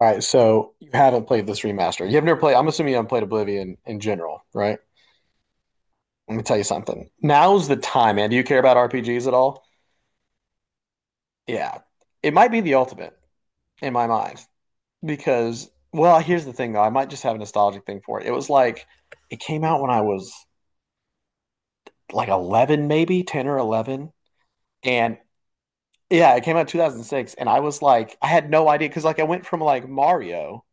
All right, so you haven't played this remaster. You have never played, I'm assuming you haven't played Oblivion in general, right? Let me tell you something. Now's the time, man. Do you care about RPGs at all? Yeah. It might be the ultimate in my mind because, well, here's the thing though. I might just have a nostalgic thing for it. It was like, it came out when I was like 11, maybe 10 or 11. And yeah, it came out in 2006. And I was like, I had no idea because, like, I went from like Mario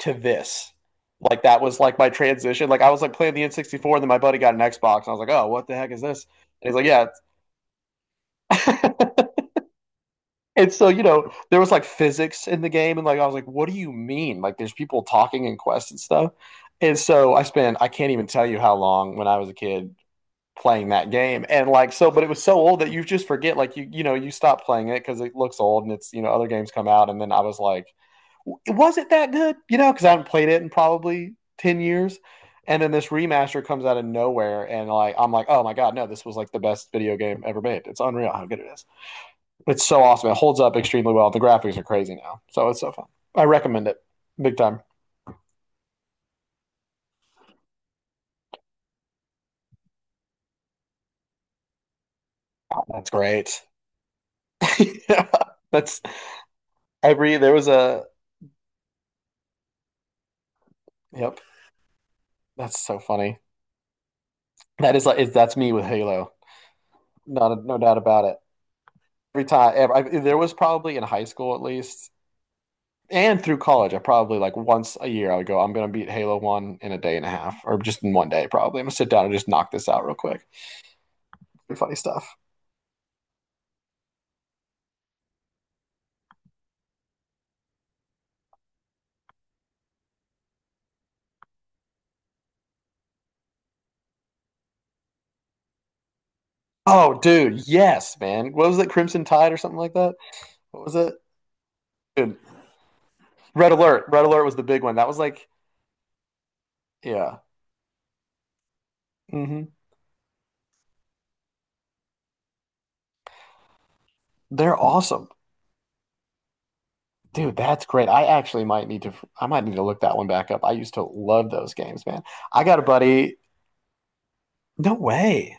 to this. Like that was like my transition. Like I was like playing the N64, and then my buddy got an Xbox, and I was like, "Oh, what the heck is this?" And he's like, "Yeah." And so you know, there was like physics in the game, and like I was like, "What do you mean?" Like there's people talking in Quest and stuff. And so I can't even tell you how long when I was a kid playing that game, and like so, but it was so old that you just forget. Like you know you stop playing it because it looks old, and it's you know other games come out, and then I was like was it that good? You know, because I haven't played it in probably 10 years. And then this remaster comes out of nowhere, and like I'm like, oh my God, no, this was like the best video game ever made. It's unreal how good it is. It's so awesome. It holds up extremely well. The graphics are crazy now, so it's so fun. I recommend it big time. That's great. Yeah, that's every there was a yep. That's so funny. That is like that's me with Halo. Not a, No doubt about it. Every time ever, there was probably in high school at least and through college, I probably like once a year I would go, I'm gonna beat Halo One in a day and a half, or just in one day probably. I'm gonna sit down and just knock this out real quick. Pretty funny stuff. Oh, dude, yes, man. What was it, Crimson Tide or something like that? What was it? Dude, Red Alert. Red Alert was the big one. That was like, yeah. hmm They're awesome, dude. That's great. I actually might need to. I might need to look that one back up. I used to love those games, man. I got a buddy. No way.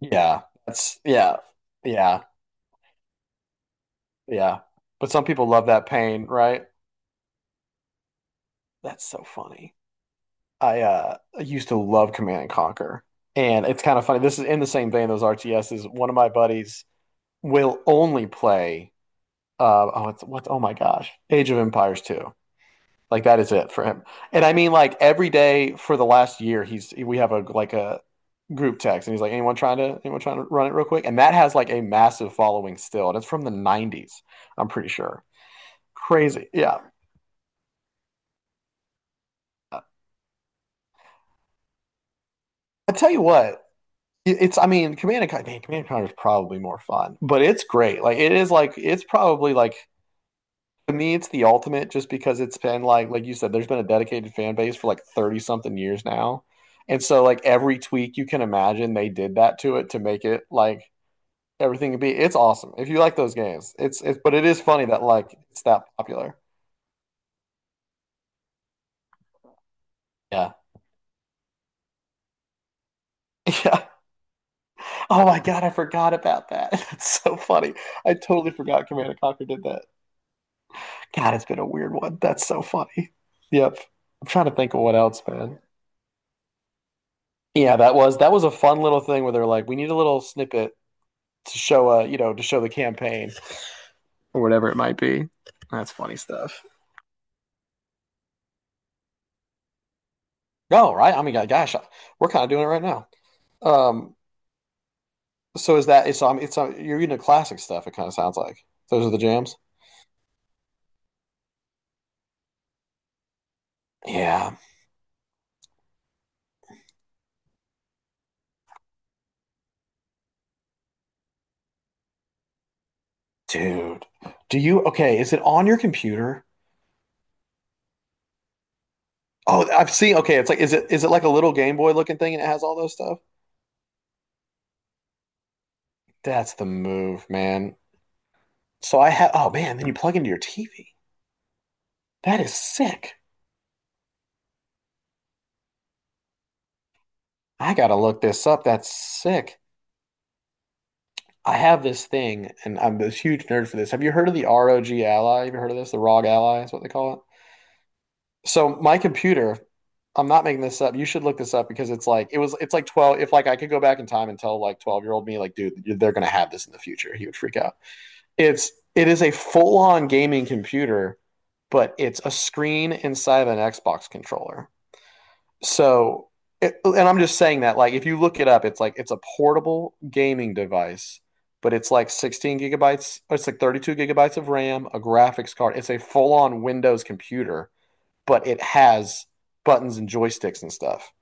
Yeah, that's yeah, yeah. Yeah. But some people love that pain, right? That's so funny. I used to love Command and Conquer. And it's kind of funny. This is in the same vein, those RTSs. One of my buddies will only play oh it's what's oh my gosh. Age of Empires 2. Like that is it for him. And I mean like every day for the last year he's we have a group text, and he's like, anyone trying to run it real quick? And that has like a massive following still. And it's from the 90s, I'm pretty sure. Crazy. Yeah. I tell you what, It's, I mean, Command and Conquer, man, Command and Conquer is probably more fun, but it's great. Like, it is like, it's probably like, to me, it's the ultimate just because it's been like you said, there's been a dedicated fan base for like 30 something years now. And so, like, every tweak you can imagine, they did that to it to make it like everything could be. It's awesome. If you like those games, it's, but it is funny that like it's that popular. Yeah. Yeah. Oh my God, I forgot about that. That's so funny. I totally forgot Command and Conquer did that. God, it's been a weird one. That's so funny. Yep. I'm trying to think of what else, man. Yeah, that was a fun little thing where they're like, we need a little snippet to show you know, to show the campaign or whatever it might be. That's funny stuff. Oh, right. I mean, yeah, gosh, we're kind of doing it right now. Um, so is that? So I'm. It's you're into classic stuff. It kind of sounds like those are the jams. Yeah, dude. Do you? Okay, is it on your computer? Oh, I've seen. Okay, it's like is it like a little Game Boy looking thing, and it has all those stuff? That's the move, man. So I have, oh man, then you plug into your TV. That is sick. I gotta look this up. That's sick. I have this thing, and I'm this huge nerd for this. Have you heard of the ROG Ally? Have you heard of this? The ROG Ally is what they call it. So my computer, I'm not making this up. You should look this up because it's like it was. It's like 12. If like I could go back in time and tell like 12-year-old me, like, dude, they're gonna have this in the future. He would freak out. It is a full on gaming computer, but it's a screen inside of an Xbox controller. So, it, and I'm just saying that, like, if you look it up, it's like it's a portable gaming device, but it's like 16 gigabytes, or it's like 32 gigabytes of RAM, a graphics card. It's a full-on Windows computer, but it has buttons and joysticks and stuff.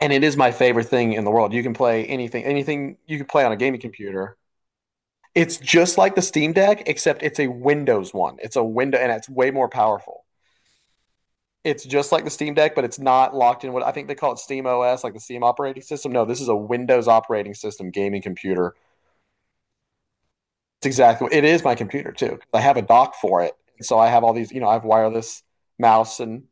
And it is my favorite thing in the world. You can play anything, anything you can play on a gaming computer. It's just like the Steam Deck, except it's a Windows one. It's a window, and it's way more powerful. It's just like the Steam Deck, but it's not locked in what I think they call it Steam OS, like the Steam operating system. No, this is a Windows operating system gaming computer. It's exactly. It is my computer too. I have a dock for it, so I have all these. You know, I have wireless mouse and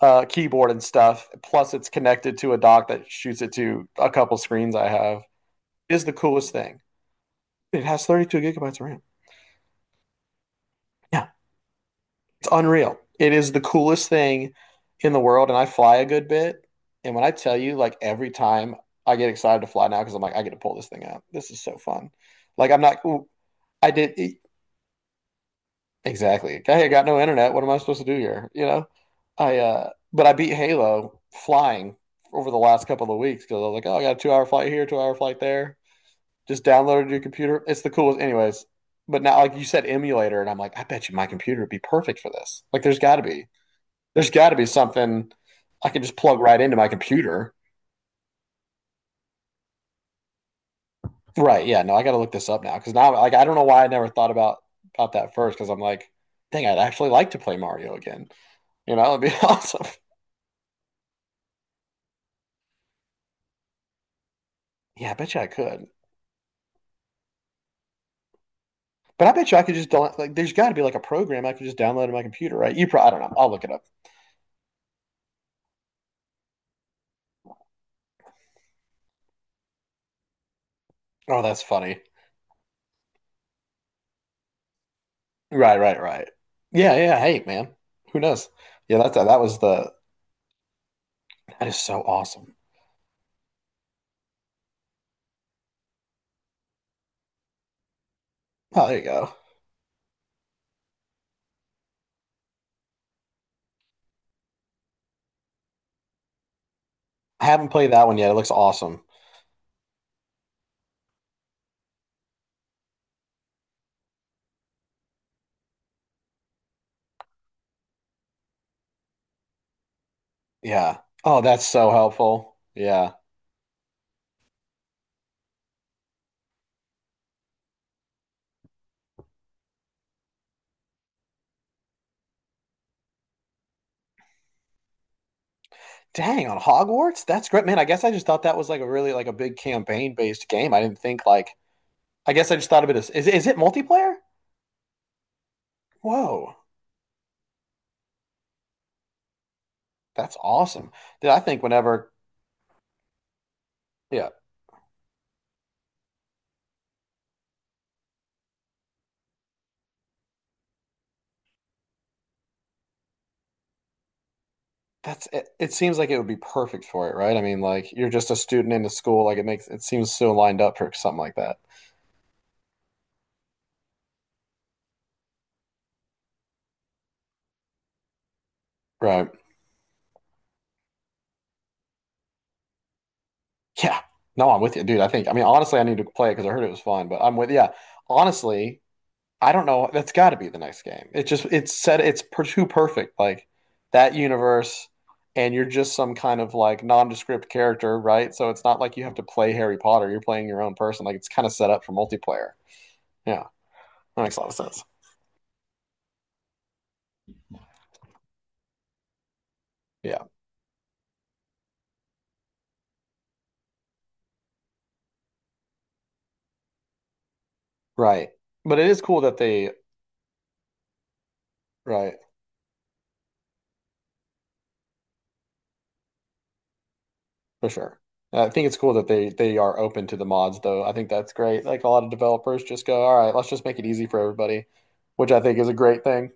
keyboard and stuff. Plus, it's connected to a dock that shoots it to a couple screens I have. It is the coolest thing. It has 32 gigabytes of RAM. Yeah, unreal. It is the coolest thing in the world, and I fly a good bit. And when I tell you, like every time I get excited to fly now because I'm like, I get to pull this thing out. This is so fun. Like I'm not. I did e, exactly. Hey, I got no internet. What am I supposed to do here? You know. I but I beat Halo flying over the last couple of weeks because I was like, oh, I got a 2 hour flight here, 2 hour flight there. Just downloaded your computer. It's the coolest, anyways. But now, like you said, emulator, and I'm like, I bet you my computer would be perfect for this. Like, there's got to be. There's got to be something I can just plug right into my computer. Right. Yeah. No, I got to look this up now because now, like, I don't know why I never thought about that first because I'm like, dang, I'd actually like to play Mario again. You know, it'd be awesome. Yeah, I bet you I could. But I bet you I could just don't like. There's got to be like a program I could just download on my computer, right? You probably. I don't know. I'll look it up. Oh, that's funny. Right. Right. Right. Yeah. Yeah. Hey, man. Who knows? Yeah. That's that was the. That is so awesome. Oh, there you go. I haven't played that one yet. It looks awesome. Yeah. Oh, that's so helpful. Yeah. Dang, on Hogwarts? That's great. Man, I guess I just thought that was like a really like a big campaign-based game. I didn't think like I guess I just thought of it as is it multiplayer? Whoa. That's awesome. Did I think whenever Yeah, that's it, it seems like it would be perfect for it, right? I mean, like you're just a student in a school, like it makes it seems so lined up for something like that. Right. Yeah. No, I'm with you, dude. I think I mean honestly I need to play it because I heard it was fun, but I'm with yeah. Honestly, I don't know. That's got to be the next game. It just it's set. It's too perfect. Like that universe, and you're just some kind of like nondescript character, right? So it's not like you have to play Harry Potter. You're playing your own person. Like it's kind of set up for multiplayer. Yeah, that makes a lot of sense. Yeah, right. But it is cool that they right for sure. I think it's cool that they are open to the mods, though. I think that's great. Like a lot of developers just go, all right, let's just make it easy for everybody, which I think is a great thing.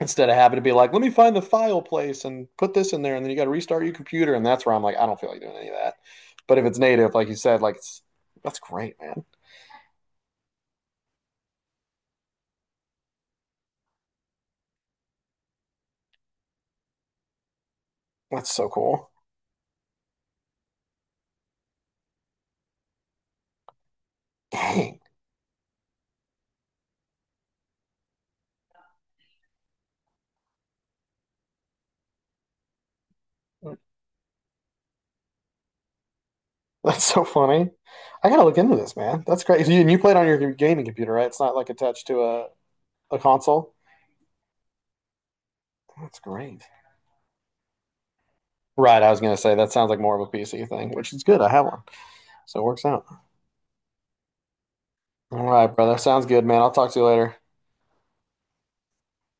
Instead of having to be like, let me find the file place and put this in there, and then you got to restart your computer, and that's where I'm like, I don't feel like doing any of that. But if it's native, like you said, like it's that's great, man. That's so cool. Dang, that's so funny. I gotta look into this, man. That's great. And you played on your gaming computer, right? It's not like attached to a console. That's great. Right, I was gonna say that sounds like more of a PC thing, which is good. I have one, so it works out. All right, brother. Sounds good, man. I'll talk to you later.